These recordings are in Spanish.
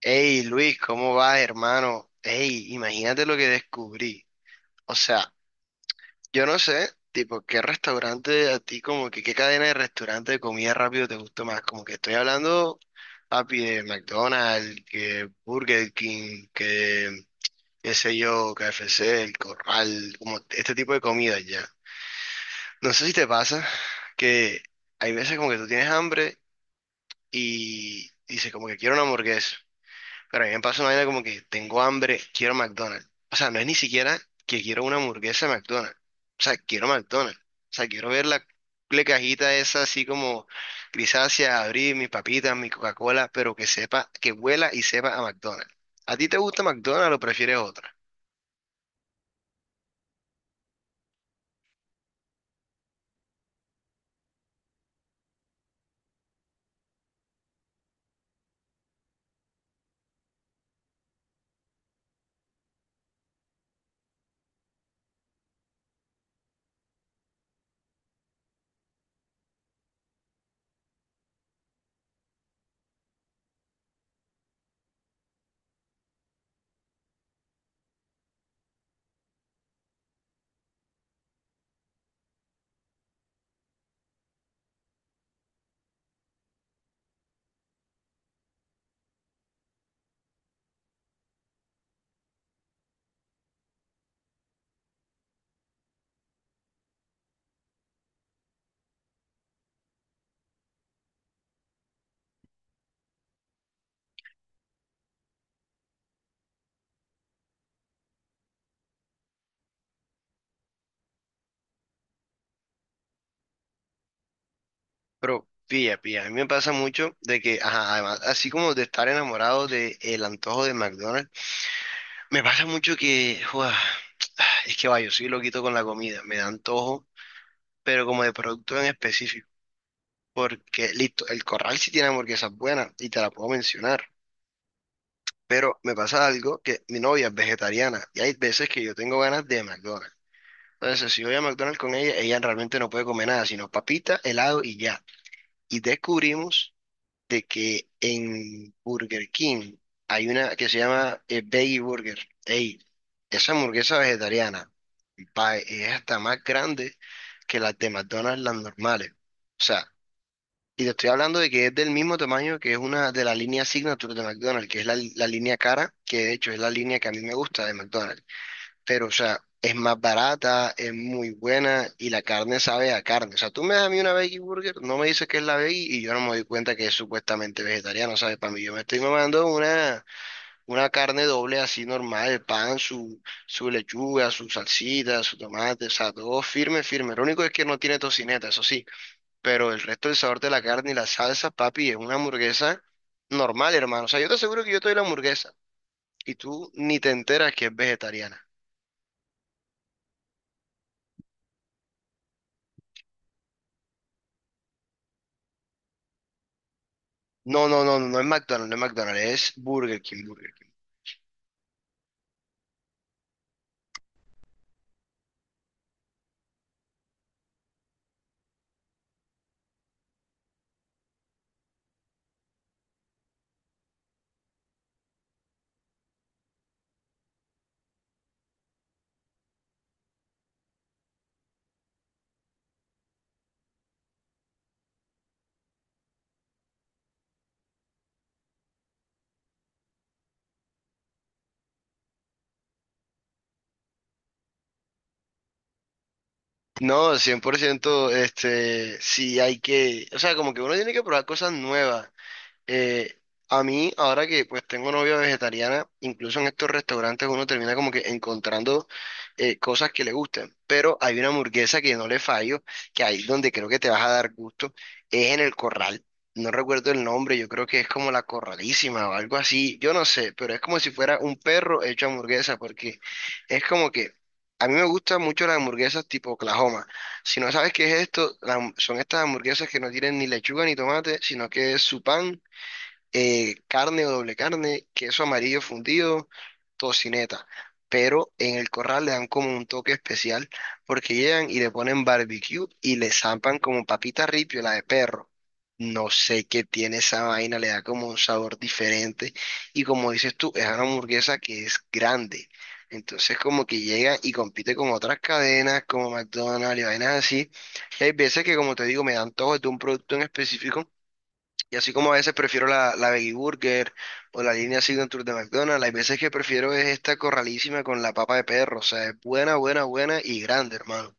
Hey Luis, ¿cómo vas, hermano? Hey, imagínate lo que descubrí. O sea, yo no sé, tipo, qué restaurante a ti, como que qué cadena de restaurante de comida rápido te gusta más. Como que estoy hablando, papi, de McDonald's, que Burger King, que qué sé yo, KFC, el Corral, como este tipo de comida ya. No sé si te pasa que hay veces como que tú tienes hambre y dices como que quiero una hamburguesa. Pero a mí me pasa una vaina como que tengo hambre, quiero McDonald's. O sea, no es ni siquiera que quiero una hamburguesa de McDonald's. O sea, quiero McDonald's. O sea, quiero ver la cajita esa así como grisácea, abrir mis papitas, mi Coca-Cola, pero que sepa, que huela y sepa a McDonald's. ¿A ti te gusta McDonald's o prefieres otra? Pero pilla, pilla. A mí me pasa mucho de que, ajá, además, así como de estar enamorado del antojo de McDonald's, me pasa mucho que, ¡guau! es que vaya, yo soy loquito con la comida. Me da antojo pero como de producto en específico. Porque, listo, el Corral sí tiene hamburguesas buenas y te la puedo mencionar. Pero me pasa algo que mi novia es vegetariana y hay veces que yo tengo ganas de McDonald's. Entonces, si voy a McDonald's con ella, ella realmente no puede comer nada, sino papita, helado y ya. Y descubrimos de que en Burger King hay una que se llama Veggie Burger. Ey, esa hamburguesa vegetariana pa, es hasta más grande que las de McDonald's, las normales. O sea, y te estoy hablando de que es del mismo tamaño que es una de la línea Signature de McDonald's, que es la línea cara, que de hecho es la línea que a mí me gusta de McDonald's. Pero, o sea, es más barata, es muy buena y la carne sabe a carne. O sea, tú me das a mí una veggie burger, no me dices que es la veggie y yo no me doy cuenta que es supuestamente vegetariano, ¿sabes? Para mí yo me estoy mamando una carne doble así normal, pan, su lechuga, su salsita, su tomate, o sea, todo firme, firme. Lo único es que no tiene tocineta, eso sí, pero el resto del sabor de la carne y la salsa, papi, es una hamburguesa normal, hermano. O sea, yo te aseguro que yo te doy la hamburguesa y tú ni te enteras que es vegetariana. No, no, no, no, no es McDonald's, no es McDonald's, es Burger King, Burger King. No, 100% este, sí hay que, o sea, como que uno tiene que probar cosas nuevas. Eh, a mí, ahora que pues tengo novia vegetariana, incluso en estos restaurantes uno termina como que encontrando cosas que le gusten. Pero hay una hamburguesa que no le fallo, que ahí donde creo que te vas a dar gusto, es en el Corral. No recuerdo el nombre, yo creo que es como la Corralísima o algo así, yo no sé, pero es como si fuera un perro hecho hamburguesa, porque es como que a mí me gustan mucho las hamburguesas tipo Oklahoma. Si no sabes qué es esto, son estas hamburguesas que no tienen ni lechuga ni tomate, sino que es su pan, carne o doble carne, queso amarillo fundido, tocineta. Pero en el Corral le dan como un toque especial porque llegan y le ponen barbecue y le zampan como papita ripio, la de perro. No sé qué tiene esa vaina, le da como un sabor diferente. Y como dices tú, es una hamburguesa que es grande. Entonces como que llega y compite con otras cadenas como McDonald's y vainas así. Y hay veces que como te digo, me dan todo de un producto en específico y así como a veces prefiero la Veggie Burger o la línea Signature de McDonald's, hay veces que prefiero es esta corralísima con la papa de perro. O sea, es buena, buena, buena y grande, hermano.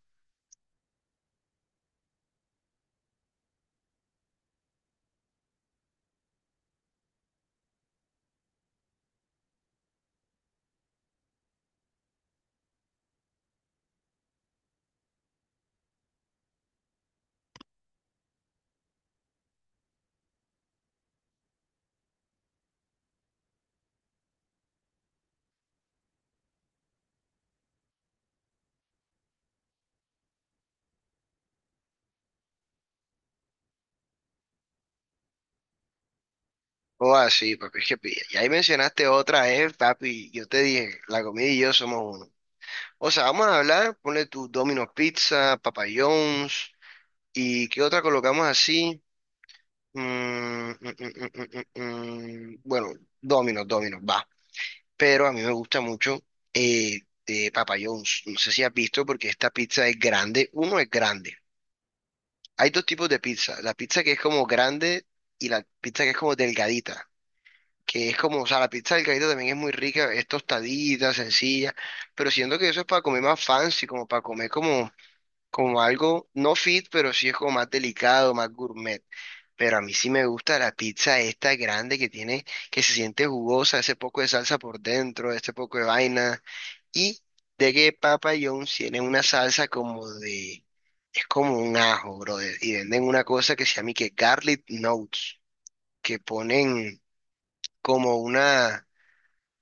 O así, papi, es que y ahí mencionaste otra, papi. Yo te dije, la comida y yo somos uno. O sea, vamos a hablar, ponle tu Domino's Pizza, Papa John's, y qué otra colocamos así. Mm, mm. Bueno, Domino's, Domino's, va. Pero a mí me gusta mucho, eh, de Papa John's. No sé si has visto porque esta pizza es grande. Uno es grande. Hay dos tipos de pizza. La pizza que es como grande y la pizza que es como delgadita. Que es como, o sea, la pizza delgadita también es muy rica, es tostadita, sencilla, pero siento que eso es para comer más fancy, como para comer como algo no fit, pero sí es como más delicado, más gourmet. Pero a mí sí me gusta la pizza esta grande que tiene, que se siente jugosa, ese poco de salsa por dentro, ese poco de vaina, y de que Papa John's tiene una salsa como de, es como un ajo, brother, y venden una cosa que se llama y que garlic notes, que ponen como una,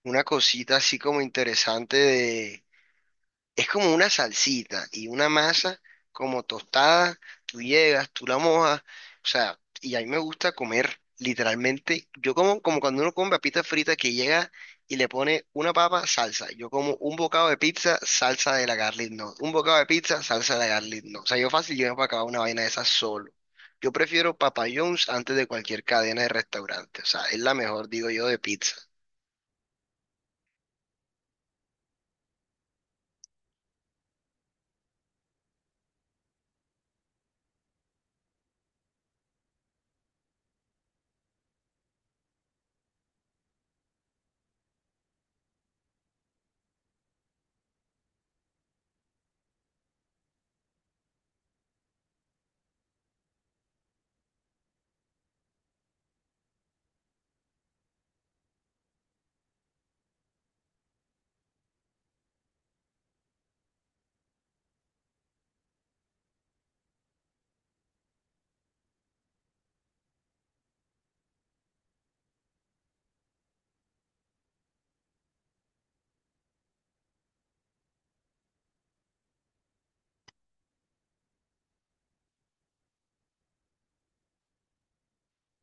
una cosita así como interesante de es como una salsita y una masa como tostada. Tú llegas, tú la mojas. O sea, y a mí me gusta comer literalmente. Yo como, como cuando uno come papita frita que llega y le pone una papa, salsa. Yo como un bocado de pizza, salsa de la garlic no. Un bocado de pizza, salsa de la garlic no. O sea, yo fácil llego para acabar una vaina de esas solo. Yo prefiero Papa John's antes de cualquier cadena de restaurante. O sea, es la mejor, digo yo, de pizza.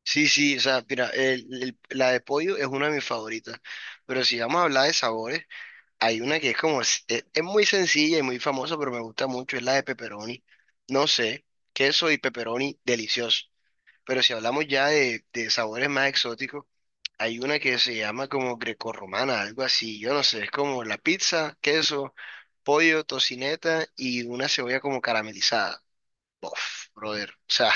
Sí, sí, o sea, mira, la de pollo es una de mis favoritas, pero si vamos a hablar de sabores, hay una que es como, muy sencilla y muy famosa, pero me gusta mucho, es la de pepperoni. No sé, queso y pepperoni, delicioso, pero si hablamos ya de sabores más exóticos, hay una que se llama como grecorromana, algo así, yo no sé, es como la pizza, queso, pollo, tocineta y una cebolla como caramelizada. Uf, brother, o sea.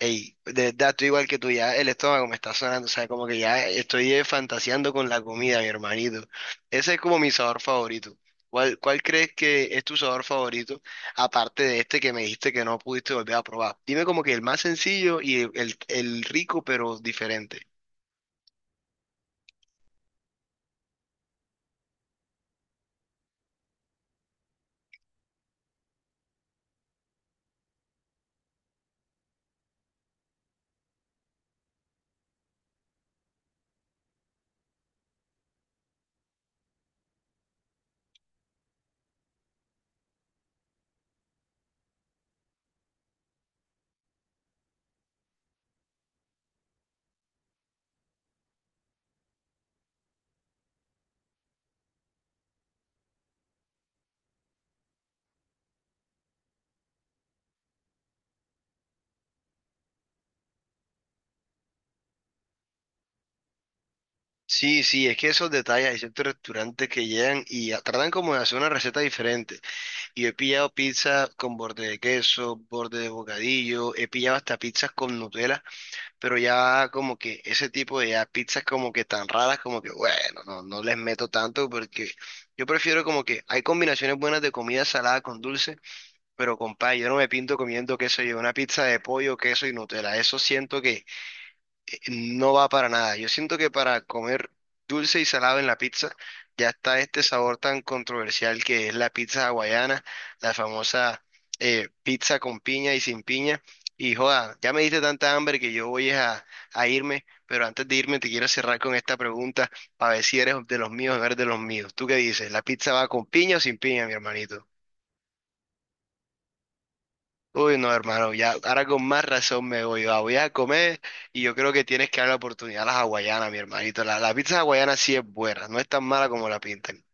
Ey, de verdad, estoy igual que tú, ya el estómago me está sonando, o sea, como que ya estoy, fantaseando con la comida, mi hermanito. Ese es como mi sabor favorito. ¿Cuál crees que es tu sabor favorito, aparte de este que me dijiste que no pudiste volver a probar? Dime como que el más sencillo y el rico, pero diferente. Sí, sí, es que esos detalles, hay ciertos restaurantes que llegan y tratan como de hacer una receta diferente. Y he pillado pizza con borde de queso, borde de bocadillo, he pillado hasta pizzas con Nutella, pero ya como que ese tipo de ya pizzas como que tan raras, como que bueno, no, no les meto tanto porque yo prefiero como que hay combinaciones buenas de comida salada con dulce, pero compadre, yo no me pinto comiendo queso, yo una pizza de pollo, queso y Nutella, eso siento que no va para nada. Yo siento que para comer dulce y salado en la pizza ya está este sabor tan controversial que es la pizza hawaiana, la famosa, pizza con piña y sin piña. Y joda, ya me diste tanta hambre que yo voy es a irme, pero antes de irme te quiero cerrar con esta pregunta para ver si eres de los míos o no eres de los míos. ¿Tú qué dices? ¿La pizza va con piña o sin piña, mi hermanito? Uy, no, hermano, ya ahora con más razón me voy. Voy a comer y yo creo que tienes que dar la oportunidad a las hawaianas, mi hermanito. La pizza hawaiana sí es buena, no es tan mala como la pintan.